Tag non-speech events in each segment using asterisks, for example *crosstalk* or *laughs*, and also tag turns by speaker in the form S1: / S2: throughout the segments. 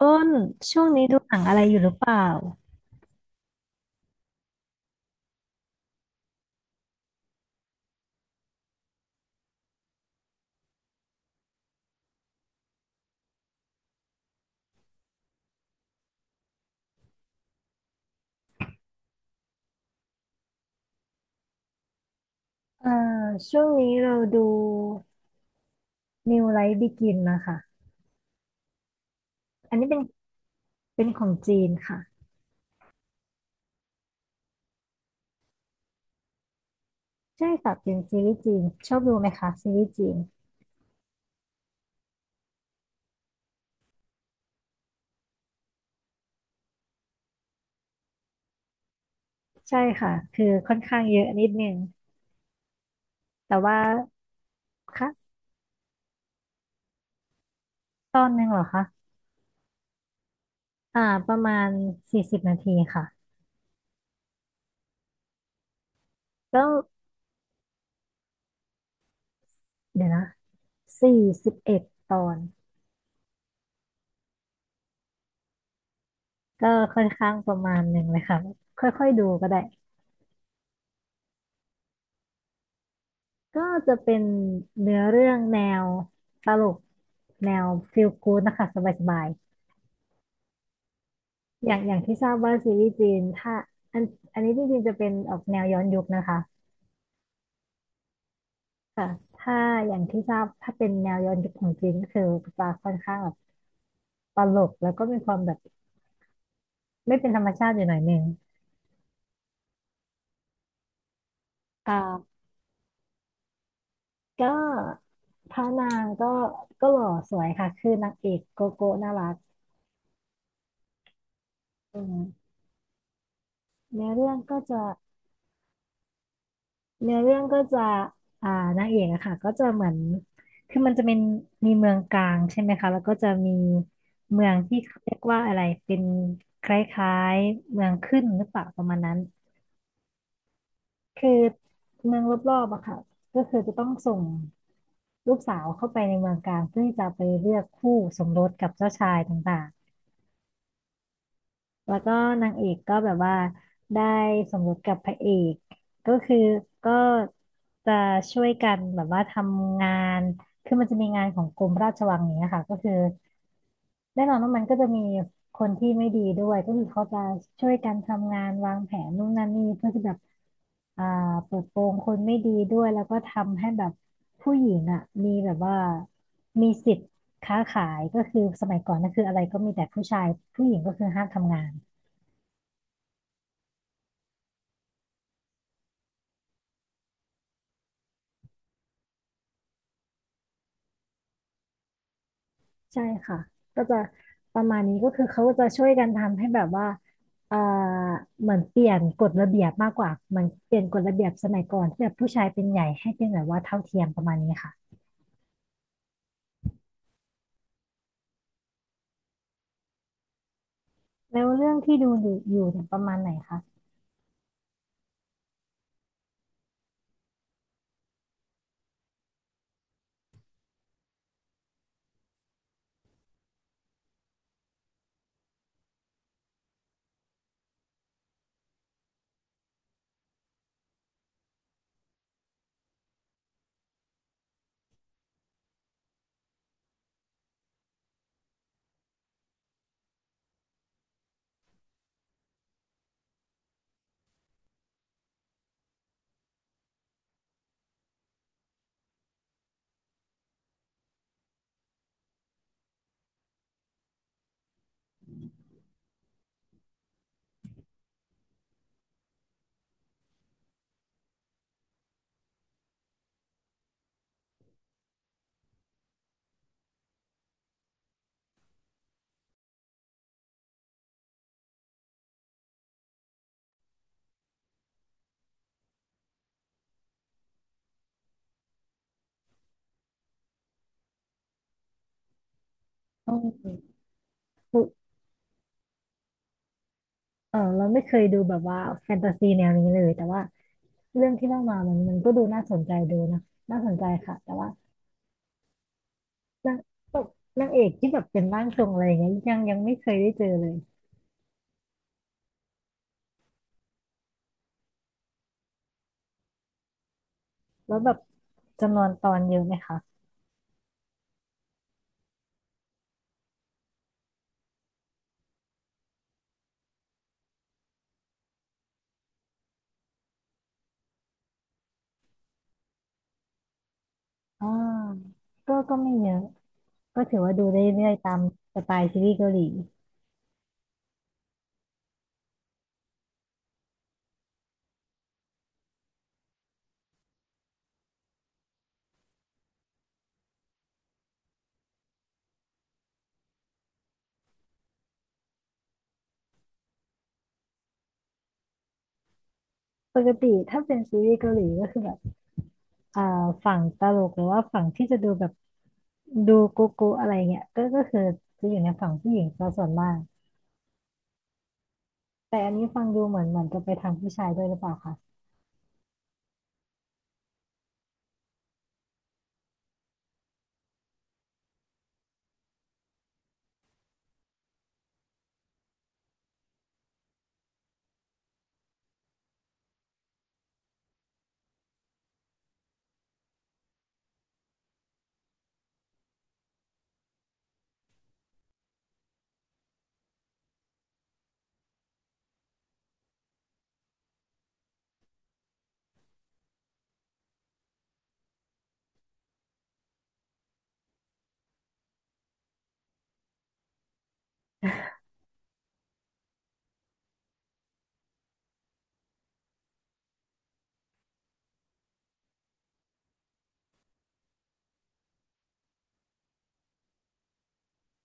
S1: อ้นช่วงนี้ดูหนังอะไรอยู่หรือเปล่าเอ่อช่วงนี้เราดู New Life Begin นะคะอันนี้เป็นของจีนค่ะใช่ค่ะเป็นซีรีส์จีนชอบดูไหมคะซีรีส์จีนใช่ค่ะคือค่อนข้างเยอะนิดนึงแต่ว่าค่ะตอนหนึ่งเหรอคะอ่าประมาณ40 นาทีค่ะก็เดี๋ยวนะ41 ตอนก็ค่อนข้างประมาณหนึ่งเลยค่ะค่อยๆดูก็ได้ ก็จะเป็นเนื้อเรื่องแนวตลกแนวฟีลกู๊ดนะคะสบายๆอย่างอย่างที่ทราบว่าซีรีส์จีนถ้าอันอันนี้จริงๆจะเป็นออกแนวย้อนยุคนะคะค่ะถ้าอย่างที่ทราบถ้าเป็นแนวย้อนยุคของจีนก็คือจะค่อนข้างแบบตลกแล้วก็มีความแบบไม่เป็นธรรมชาติอยู่หน่อยหนึงค่ะก็พระนางก็หล่อสวยค่ะคือนางเอกโกโก้น่ารักอืมเนื้อเรื่องก็จะ เนื้อเรื่องก็จะอ่านางเอกอะค่ะก็จะเหมือน คือมันจะเป็นมีเมืองกลางใช่ไหมคะ แล้วก็จะมีเมืองที่เขาเรียกว่าอะไรเป็นคล้ายๆเมืองขึ้นหรือเปล่าประมาณนั้น คือเมืองรอบๆอะค่ะก็คือจะต้องส่งลูกสาวเข้าไปในเมืองกลางเพื่อที่จะไปเลือกคู่สมรสกับเจ้าชายต่างๆ แล้วก็นางเอกก็แบบว่าได้สมรสกับพระเอกก็คือก็จะช่วยกันแบบว่าทำงานคือมันจะมีงานของกรมราชวังอย่างเนี้ยค่ะก็คือแน่นอนว่ามันก็จะมีคนที่ไม่ดีด้วยก็คือเขาจะช่วยกันทำงานวางแผนนู่นนั่นนี่เพื่อที่แบบอ่าเปิดโปงคนไม่ดีด้วยแล้วก็ทำให้แบบผู้หญิงอ่ะมีแบบว่ามีสิทธิ์ค้าขายก็คือสมัยก่อนก็คืออะไรก็มีแต่ผู้ชายผู้หญิงก็คือห้ามทำงาน ใช่ค่ะก็จะประมาณนี้ก็คือเขาก็จะช่วยกันทำให้แบบว่าเอ่อเหมือนเปลี่ยนกฎระเบียบมากกว่าเหมือนเปลี่ยนกฎระเบียบสมัยก่อนที่แบบผู้ชายเป็นใหญ่ให้เป็นแบบว่าเท่าเทียมประมาณนี้ค่ะแล้วเรื่องที่ดูอยู่อยู่เนี่ยประมาณไหนคะต้อืมเออเราไม่เคยดูแบบว่าแฟนตาซีแนวนี้เลยแต่ว่าเรื่องที่เล่ามามันก็ดูน่าสนใจดูนะน่าสนใจค่ะแต่ว่านางนางเอกที่แบบเป็นร่างทรงอะไรอย่างเงี้ยยังไม่เคยได้เจอเลยแล้วแบบจำนวนตอนเยอะไหมคะ อ่าก็ไม่เยอะก็ถือว่าดูได้เรื่อยๆตามสไตล์ซีรีส์เกาหลีปกติถ้าเป็นซีรีส์เกาหลีก็คือแบบอ่าฝั่งตลกหรือว่าฝั่งที่จะดูแบบดูโกโก้อะไรเงี้ยก็คือจะอยู่ในฝั่งผู้หญิงซะส่วนมากแต่อันนี้ฟังดูเหมือนจะไปทางผู้ชายด้วยหรือเปล่าคะ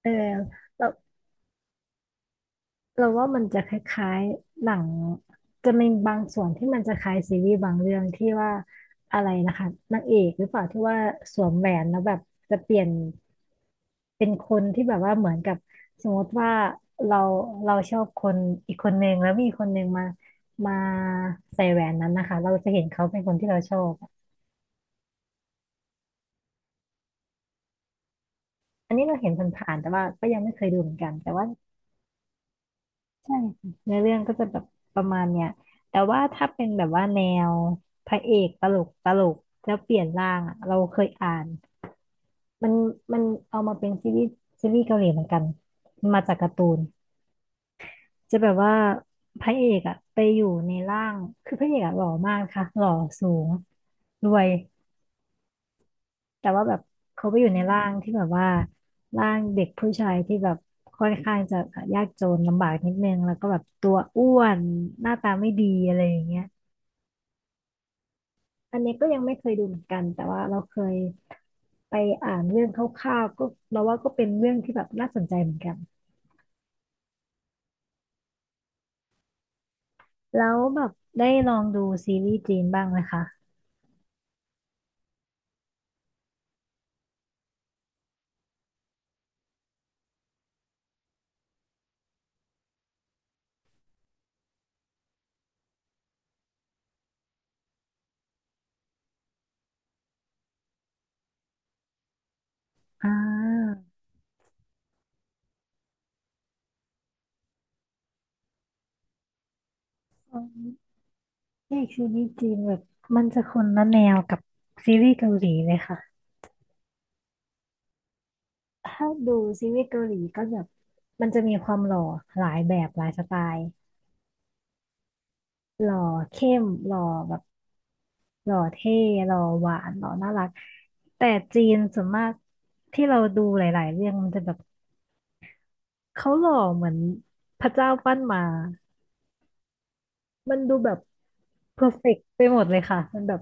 S1: เออเราเราว่ามันจะคล้ายๆหนังจะมีบางส่วนที่มันจะคล้ายซีรีส์บางเรื่องที่ว่าอะไรนะคะนางเอกหรือเปล่าที่ว่าสวมแหวนแล้วแบบจะเปลี่ยน เป็นคนที่แบบว่าเหมือนกับสมมติว่าเราเราชอบคนอีกคนหนึ่งแล้วมีคนหนึ่งมาใส่แหวนนั้นนะคะเราจะเห็นเขาเป็นคนที่เราชอบอันนี้เราเห็นผ่านๆแต่ว่าก็ยังไม่เคยดูเหมือนกันแต่ว่าใช่ค่ะเนื้อเรื่องก็จะแบบประมาณเนี้ยแต่ว่าถ้าเป็นแบบว่าแนวพระเอกตลกตลกแล้วเปลี่ยนร่างอะเราเคยอ่านมันมันเอามาเป็นซีรีส์เกาหลีเหมือนกันมันมาจากการ์ตูน จะแบบว่าพระเอกอะไปอยู่ในร่างคือพระเอกอะหล่อมากค่ะหล่อสูงรวยแต่ว่าแบบเขาไปอยู่ในร่างที่แบบว่าร่างเด็กผู้ชายที่แบบค่อนข้างจะยากจนลำบากนิดนึงแล้วก็แบบตัวอ้วนหน้าตาไม่ดีอะไรอย่างเงี้ยอันนี้ก็ยังไม่เคยดูเหมือนกันแต่ว่าเราเคยไปอ่านเรื่องคร่าวๆก็เราว่าก็เป็นเรื่องที่แบบน่าสนใจเหมือนกันแล้วแบบได้ลองดูซีรีส์จีนบ้างไหมคะอ่า เอกซีรีส์จีนแบบมันจะคนละแนวกับซีรีส์เกาหลีเลยค่ะถ้าดูซีรีส์เกาหลีก็แบบมันจะมีความหล่อหลายแบบหลายสไตล์หล่อเข้มหล่อแบบหล่อเท่หล่อหวานหล่อน่ารักแต่จีนส่วนมากที่เราดูหลายๆเรื่องมันจะแบบเขาหล่อเหมือนพระเจ้าปั้นมามันดูแบบเพอร์เฟกต์ไปหมดเลยค่ะมันแบบ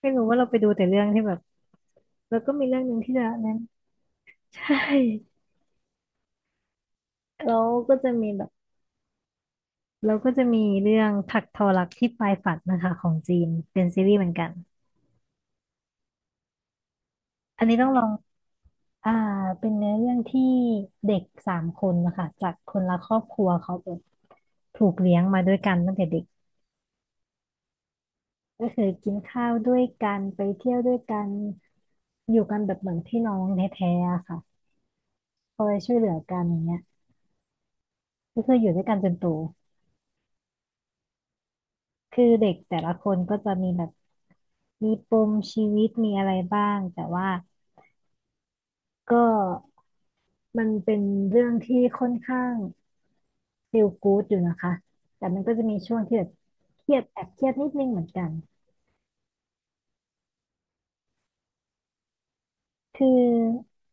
S1: ไม่รู้ว่าเราไปดูแต่เรื่องที่แบบแล้วก็มีเรื่องหนึ่งที่จะนั้น *laughs* ใช่ แล้วก็จะมีแบบแล้วก็จะมีเรื่องถักทอรักที่ปลายฝันนะคะของจีนเป็นซีรีส์เหมือนกัน อันนี้ต้องลองอ่าเป็นเนื้อเรื่องที่เด็กสามคนนะคะจากคนละครอบครัวเขาแบบถูกเลี้ยงมาด้วยกันตั้งแต่เด็กก็คือกินข้าวด้วยกันไปเที่ยวด้วยกันอยู่กันแบบเหมือนพี่น้องแท้ๆอะค่ะคอยช่วยเหลือกันอย่างเงี้ยก็คืออยู่ด้วยกันจนโตคือเด็กแต่ละคนก็จะมีแบบมีปมชีวิตมีอะไรบ้างแต่ว่า ก็มันเป็นเรื่องที่ค่อนข้าง feel good อยู่นะคะแต่มันก็จะมีช่วงที่แบบเครียดแอบเครียดนิดนึงเหมือนกันคือ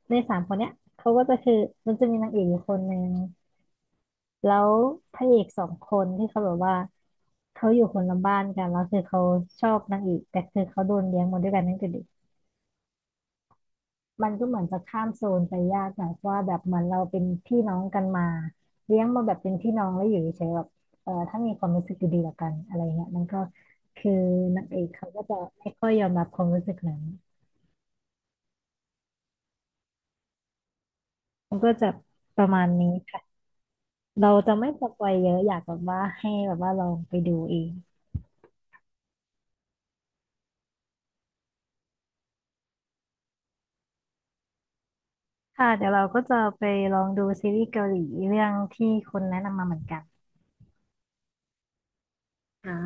S1: ในสามคนเนี้ยเขาก็จะคือมันจะมีนางเอกอยู่คนหนึ่งแล้วพระเอกสองคนที่เขาแบบว่าเขาอยู่คนละบ้านกันแล้วคือเขาชอบนางเอกแต่คือเขาโดนเลี้ยงมาด้วยกันตั้งแต่เด็ก มันก็เหมือนจะข้ามโซนไปยากหน่อยเพราะว่าแบบเหมือนเราเป็นพี่น้องกันมาเลี้ยงมาแบบเป็นพี่น้องแล้วอยู่เฉยๆแบบเออถ้ามีความรู้สึกดีๆต่อกันอะไรเงี้ยมันก็คือนางเอกเขาก็จะไม่ค่อยยอมรับความรู้สึกนั้นมันก็จะประมาณนี้ค่ะเราจะไม่สปอยเยอะอยากแบบว่าให้แบบว่าลองไปดูเองค่ะเดี๋ยวเราก็จะไปลองดูซีรีส์เกาหลีเรื่องที่คุณแนะนำมาเหมือนกันค่ะ